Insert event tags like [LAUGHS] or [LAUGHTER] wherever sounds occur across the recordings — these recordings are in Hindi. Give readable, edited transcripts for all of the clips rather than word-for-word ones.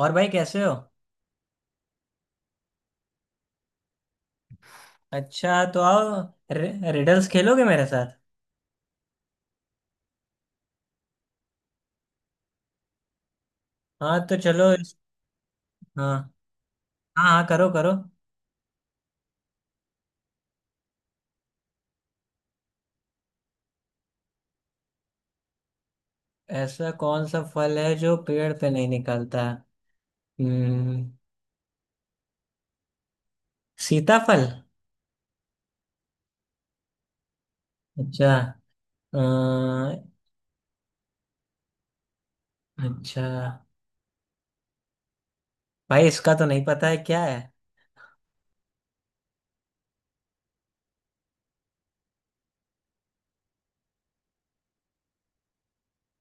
और भाई, कैसे हो? अच्छा, तो आओ। रिडल्स खेलोगे मेरे साथ? हाँ, तो चलो। हाँ हाँ हाँ, करो करो। ऐसा कौन सा फल है जो पेड़ पे नहीं निकलता? हम्म। सीताफल। अच्छा। अ, अच्छा। भाई, इसका तो नहीं पता है, क्या है?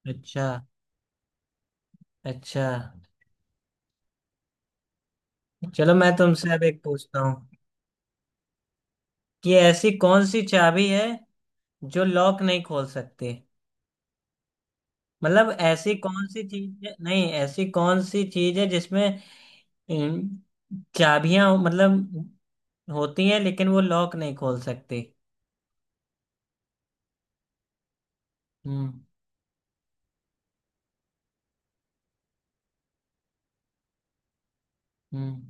अच्छा। अच्छा। चलो, मैं तुमसे अब एक पूछता हूँ कि ऐसी कौन सी चाबी है जो लॉक नहीं खोल सकती। मतलब ऐसी कौन सी चीज है, नहीं, ऐसी कौन सी चीज है जिसमें इन चाबियां मतलब होती हैं लेकिन वो लॉक नहीं खोल सकती। हम्म। हम्म।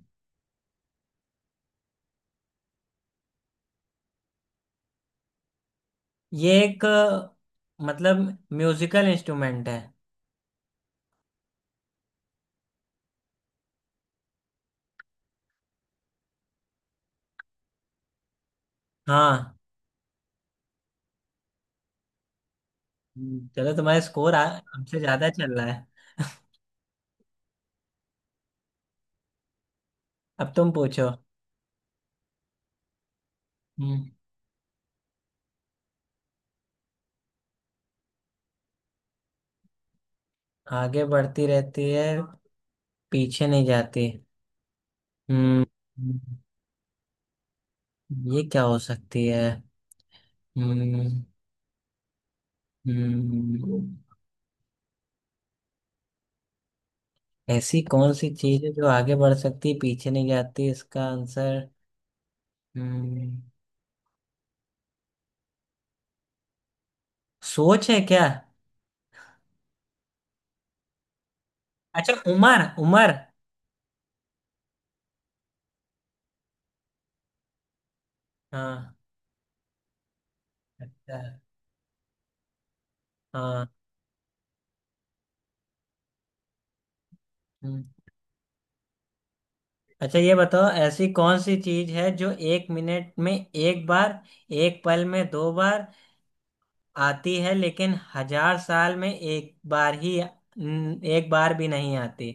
ये एक, मतलब, म्यूजिकल इंस्ट्रूमेंट है। हाँ। चलो तुम्हारा स्कोर हमसे ज्यादा चल रहा है। अब तुम पूछो। हम्म। आगे बढ़ती रहती है, पीछे नहीं जाती। हम्म। हम्म, ये क्या हो सकती है? हम्म। हम्म। ऐसी कौन सी चीज है जो आगे बढ़ सकती है पीछे नहीं जाती, इसका आंसर? हम्म। सोच है क्या? अच्छा, उमर, उमर। हाँ। अच्छा। हाँ। हम्म। अच्छा, ये बताओ, ऐसी कौन सी चीज है जो एक मिनट में एक बार, एक पल में दो बार आती है लेकिन हजार साल में एक बार ही, एक बार भी नहीं आती।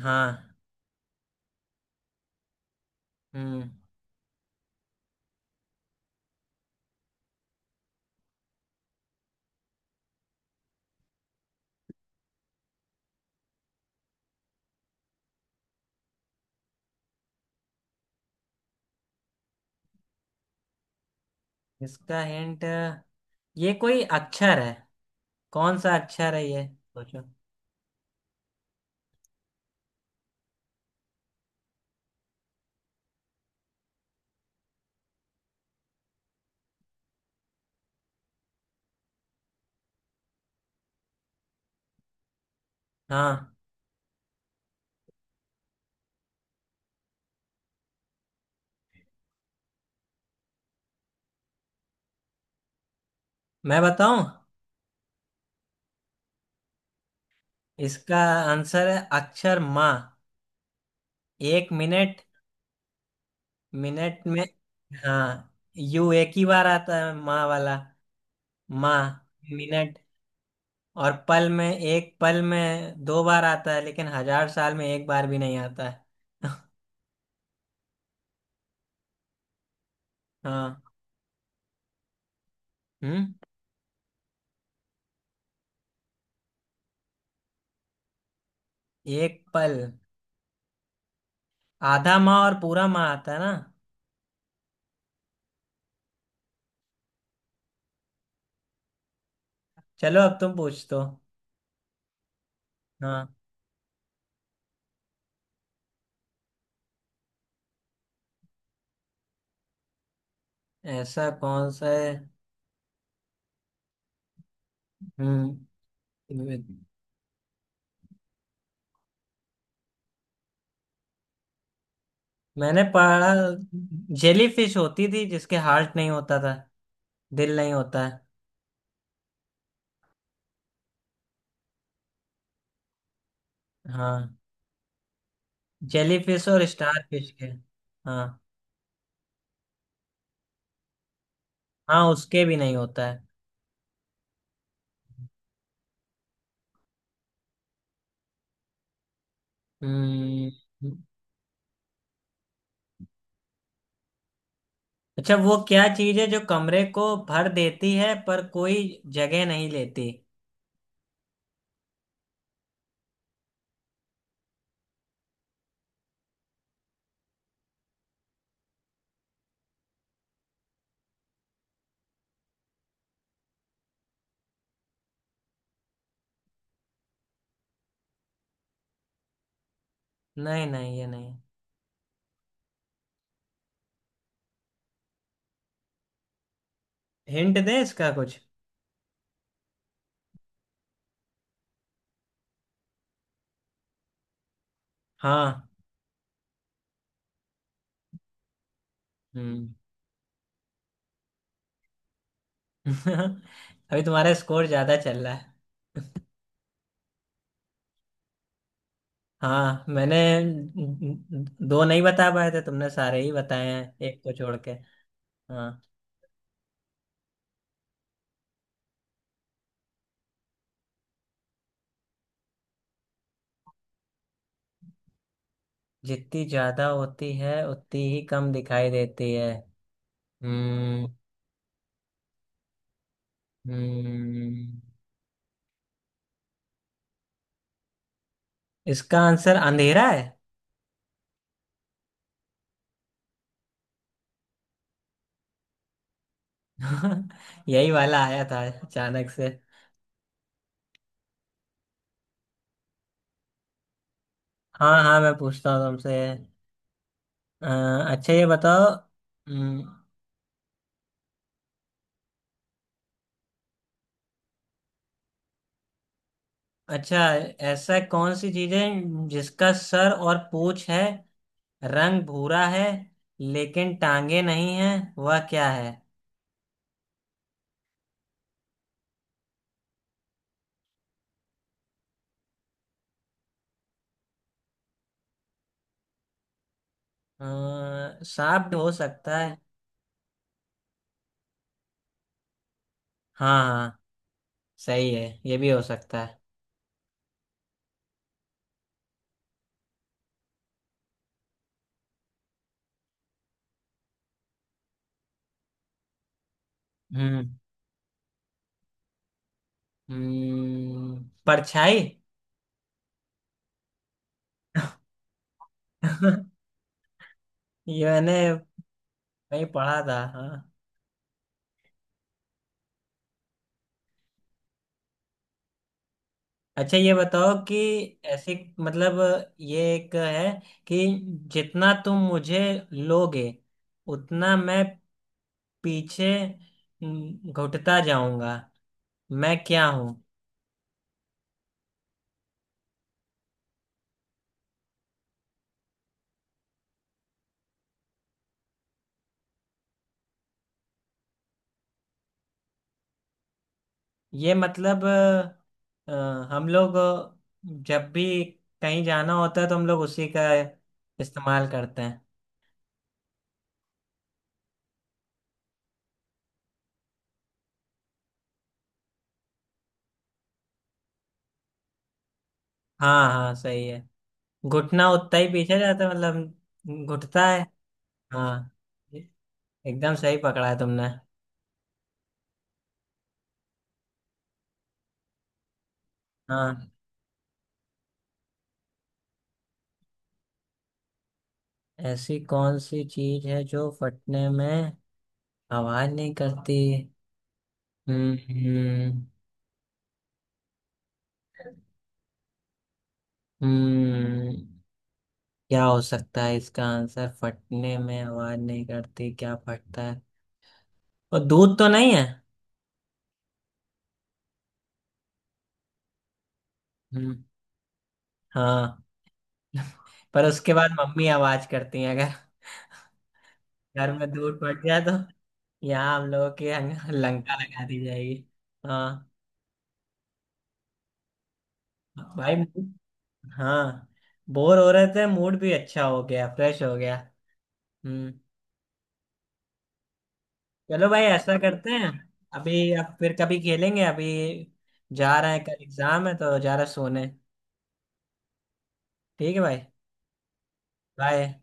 हाँ। हम्म। इसका हिंट, ये कोई अक्षर है, कौन सा अक्षर है ये सोचो। हाँ। मैं बताऊं? इसका आंसर है, अक्षर माँ। एक मिनट, मिनट में। हाँ। यू एक ही बार आता है, माँ वाला। माँ मिनट और पल में, एक पल में दो बार आता है लेकिन हजार साल में एक बार भी नहीं आता है। [LAUGHS] हाँ। हम्म। एक पल, आधा माँ और पूरा माँ आता है ना। चलो, अब तुम पूछ दो। हाँ। ऐसा कौन सा है? हम्म। मैंने पढ़ा जेली फिश होती थी जिसके हार्ट नहीं होता था, दिल नहीं होता है। हाँ, जेलीफिश और स्टार फिश के। हाँ हाँ, उसके भी नहीं होता है। हम्म। अच्छा, वो क्या चीज है जो कमरे को भर देती है पर कोई जगह नहीं लेती? नहीं नहीं, ये नहीं। हिंट दे इसका कुछ। हाँ। हम्म। [LAUGHS] अभी तुम्हारा स्कोर ज्यादा चल रहा है। हाँ, मैंने दो नहीं बता पाए थे, तुमने सारे ही बताए हैं एक को छोड़ के। हाँ। जितनी ज्यादा होती है उतनी ही कम दिखाई देती है। हम्म। हम्म। इसका आंसर अंधेरा है। [LAUGHS] यही वाला आया था अचानक से। हाँ हाँ, मैं पूछता हूँ तुमसे। अ, अच्छा, ये बताओ। हम्म। अच्छा। ऐसा कौन सी चीज है जिसका सर और पूंछ है, रंग भूरा है लेकिन टांगे नहीं है, वह क्या है? सांप भी हो सकता है। हाँ हाँ, सही है, ये भी हो सकता है। हम्म। परछाई। [LAUGHS] ये मैंने नहीं पढ़ा था। हाँ। अच्छा, ये बताओ कि ऐसे, मतलब ये एक है कि जितना तुम मुझे लोगे उतना मैं पीछे, घुटता जाऊंगा। मैं क्या हूँ? ये मतलब, अ, हम लोग जब भी कहीं जाना होता है तो हम लोग उसी का इस्तेमाल करते हैं। हाँ हाँ, सही है, घुटना उतना ही पीछे जाता है, मतलब घुटता है। हाँ। एकदम सही पकड़ा है तुमने। हाँ। ऐसी कौन सी चीज है जो फटने में आवाज नहीं करती? हम्म। हम्म। हम्म, क्या हो सकता है इसका आंसर? फटने में आवाज नहीं करती, क्या फटता है? और दूध तो नहीं है? हम्म। हाँ, पर उसके बाद मम्मी आवाज करती है, अगर घर में दूध फट जाए तो। यहाँ, हम लोगों के यहाँ, लंका लगा दी जाएगी। हाँ। भाई, हाँ, बोर हो रहे थे, मूड भी अच्छा हो गया, फ्रेश हो गया। हम्म। चलो भाई, ऐसा करते हैं, अभी अब फिर कभी खेलेंगे, अभी जा रहे हैं, कल एग्जाम है तो जा रहे हैं सोने। ठीक है भाई, बाय।